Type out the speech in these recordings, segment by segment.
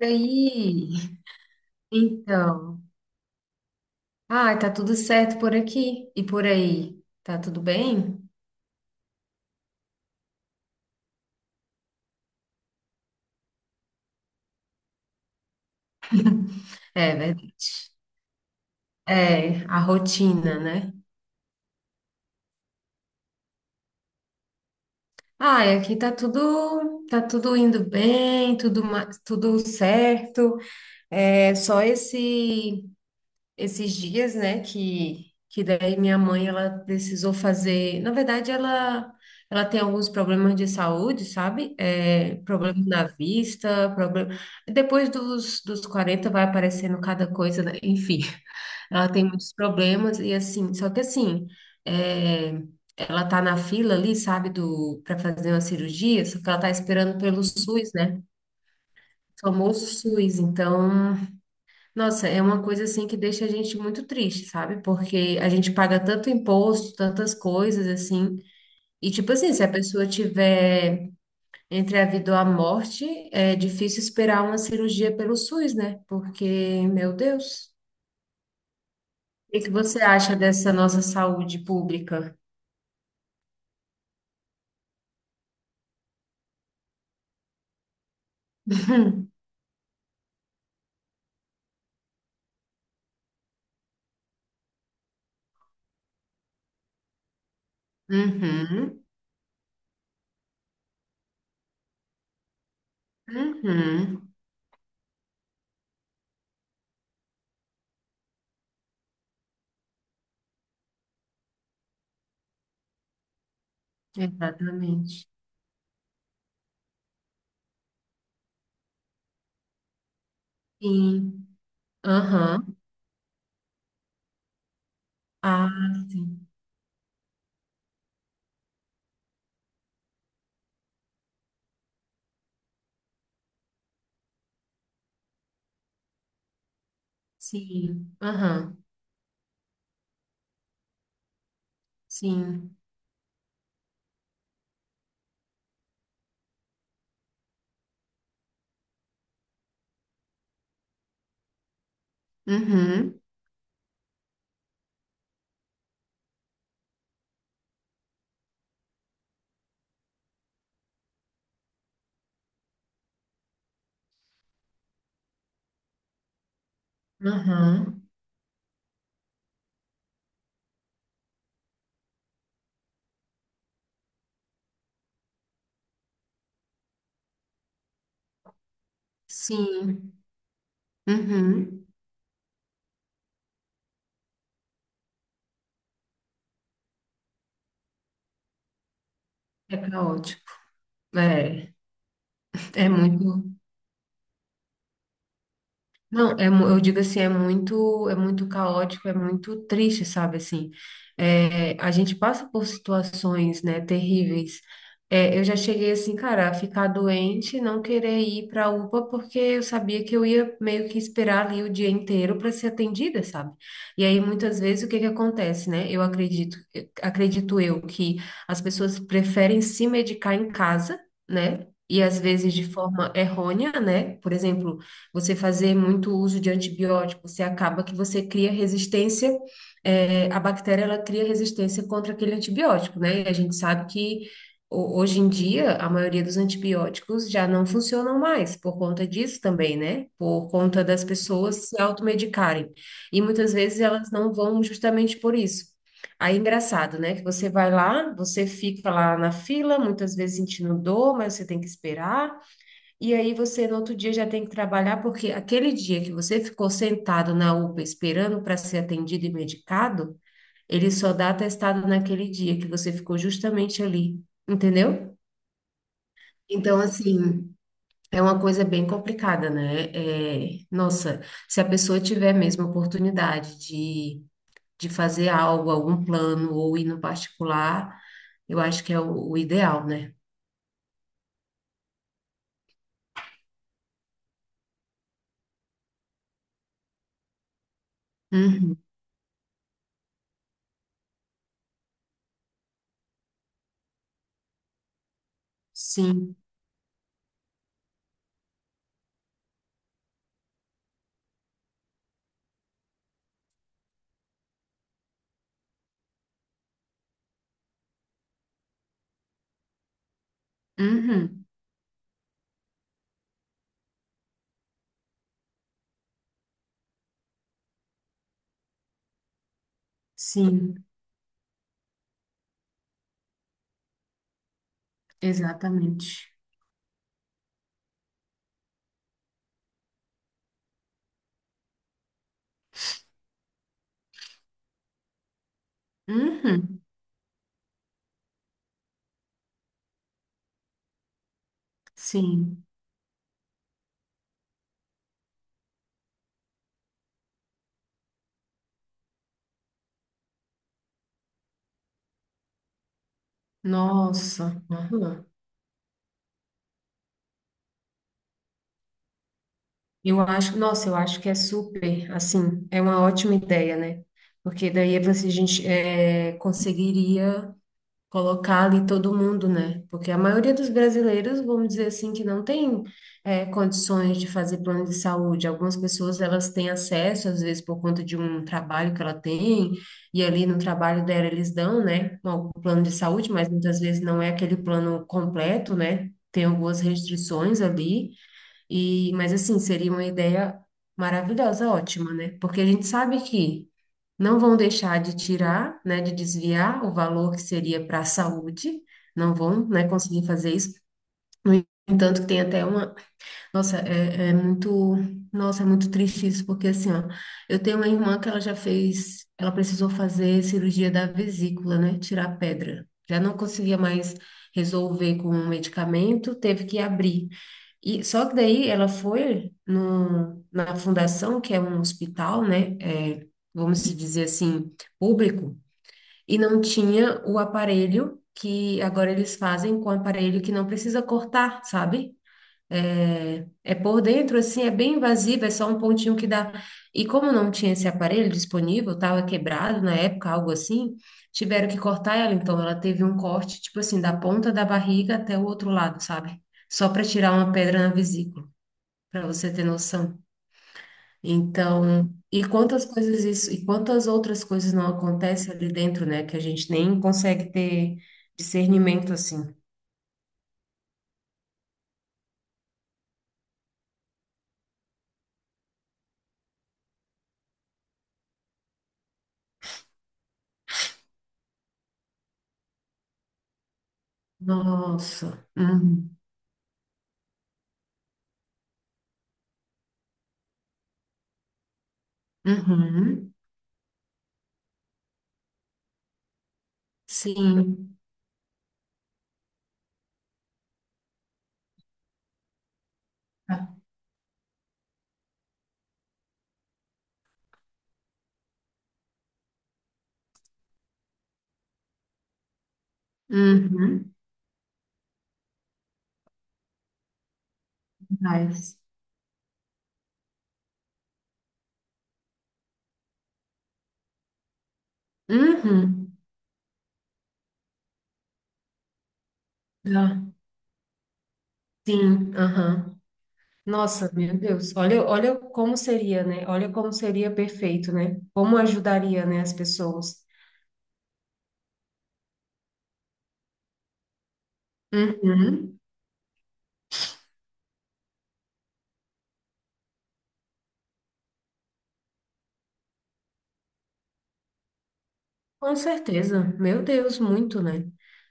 E aí? Então. Ah, tá tudo certo por aqui e por aí. Tá tudo bem? É verdade. É, a rotina, né? Ah, e aqui tá tudo indo bem, tudo, tudo certo. É só esses dias, né, que daí minha mãe, ela precisou fazer, na verdade, ela tem alguns problemas de saúde, sabe? É, problema na vista, problema. Depois dos 40 vai aparecendo cada coisa, né? Enfim, ela tem muitos problemas e assim, só que assim, é, ela tá na fila ali, sabe, para fazer uma cirurgia, só que ela tá esperando pelo SUS, né? Famoso SUS, então nossa, é uma coisa assim que deixa a gente muito triste, sabe? Porque a gente paga tanto imposto, tantas coisas assim. E tipo assim, se a pessoa tiver entre a vida ou a morte, é difícil esperar uma cirurgia pelo SUS, né? Porque, meu Deus, o que que você acha dessa nossa saúde pública? Uhum, uhum, exatamente. Sim, aham. Ah, sim, sim, aham. Sim, uhum, aham. Sim. Uhum. É caótico. É, é muito. Não, eu digo assim, é muito caótico, é muito triste, sabe, assim, é, a gente passa por situações, né, terríveis. É, eu já cheguei assim, cara, a ficar doente, não querer ir para a UPA, porque eu sabia que eu ia meio que esperar ali o dia inteiro para ser atendida, sabe, e aí muitas vezes o que que acontece, né, eu acredito, acredito eu que as pessoas preferem se medicar em casa, né. E às vezes de forma errônea, né? Por exemplo, você fazer muito uso de antibiótico, você acaba que você cria resistência, a bactéria ela cria resistência contra aquele antibiótico, né? E a gente sabe que hoje em dia a maioria dos antibióticos já não funcionam mais por conta disso também, né? Por conta das pessoas se automedicarem. E muitas vezes elas não vão justamente por isso. Aí, é engraçado, né? Que você vai lá, você fica lá na fila, muitas vezes sentindo dor, mas você tem que esperar. E aí você no outro dia já tem que trabalhar, porque aquele dia que você ficou sentado na UPA esperando para ser atendido e medicado, ele só dá atestado naquele dia que você ficou justamente ali, entendeu? Então, assim, é uma coisa bem complicada, né? É, nossa, se a pessoa tiver mesmo a oportunidade de fazer algo, algum plano ou ir no particular, eu acho que é o ideal, né? Uhum, sim, uhum, sim, exatamente. Uhum, sim. Nossa. Aham. Eu acho, nossa, eu acho que é super, assim, é uma ótima ideia, né? Porque daí é você, a gente é, conseguiria colocar ali todo mundo, né? Porque a maioria dos brasileiros, vamos dizer assim, que não tem condições de fazer plano de saúde. Algumas pessoas, elas têm acesso, às vezes, por conta de um trabalho que ela tem, e ali no trabalho dela eles dão, né, um plano de saúde, mas muitas vezes não é aquele plano completo, né? Tem algumas restrições ali. E, mas assim, seria uma ideia maravilhosa, ótima, né? Porque a gente sabe que não vão deixar de tirar, né, de desviar o valor que seria para a saúde, não vão, né, conseguir fazer isso. No entanto, que tem até uma nossa, é muito, nossa, é muito triste isso, porque assim, ó, eu tenho uma irmã que ela já fez, ela precisou fazer cirurgia da vesícula, né? Tirar a pedra. Já não conseguia mais resolver com o medicamento, teve que abrir. E só que daí ela foi no, na fundação, que é um hospital, né? É, vamos dizer assim, público, e não tinha o aparelho que agora eles fazem com o aparelho que não precisa cortar, sabe? É, é por dentro, assim, é bem invasiva, é só um pontinho que dá. E como não tinha esse aparelho disponível, estava quebrado na época, algo assim, tiveram que cortar ela. Então, ela teve um corte, tipo assim, da ponta da barriga até o outro lado, sabe? Só para tirar uma pedra na vesícula, para você ter noção. Então, e quantas coisas isso, e quantas outras coisas não acontecem ali dentro, né? Que a gente nem consegue ter discernimento assim. Nossa. Uhum. Uhum. Sim. Uhum. Mas. Uhum. Ah, sim, aham. Nossa, meu Deus, olha, olha como seria, né? Olha como seria perfeito, né? Como ajudaria, né, as pessoas. Uhum. Com certeza, meu Deus, muito, né?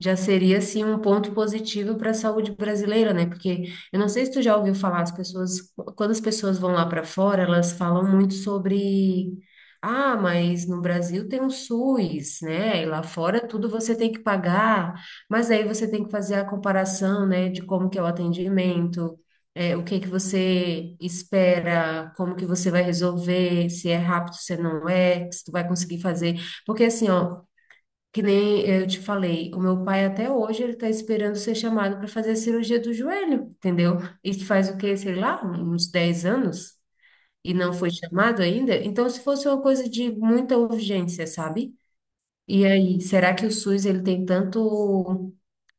Já seria assim um ponto positivo para a saúde brasileira, né? Porque eu não sei se tu já ouviu falar, as pessoas, quando as pessoas vão lá para fora, elas falam muito sobre, ah, mas no Brasil tem um SUS, né? E lá fora tudo você tem que pagar, mas aí você tem que fazer a comparação, né, de como que é o atendimento, é, o que que você espera, como que você vai resolver, se é rápido, se não é, se tu vai conseguir fazer porque assim, ó, que nem eu te falei, o meu pai até hoje ele tá esperando ser chamado para fazer a cirurgia do joelho, entendeu? Isso faz o quê, sei lá, uns 10 anos e não foi chamado ainda. Então, se fosse uma coisa de muita urgência, sabe? E aí, será que o SUS ele tem tanto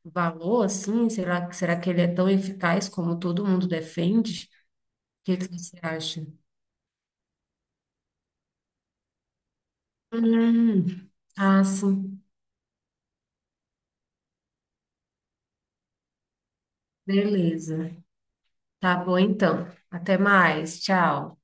valor assim? Será, será que ele é tão eficaz como todo mundo defende? O que que você acha? Hum, ah, sim. Beleza. Tá bom então. Até mais. Tchau.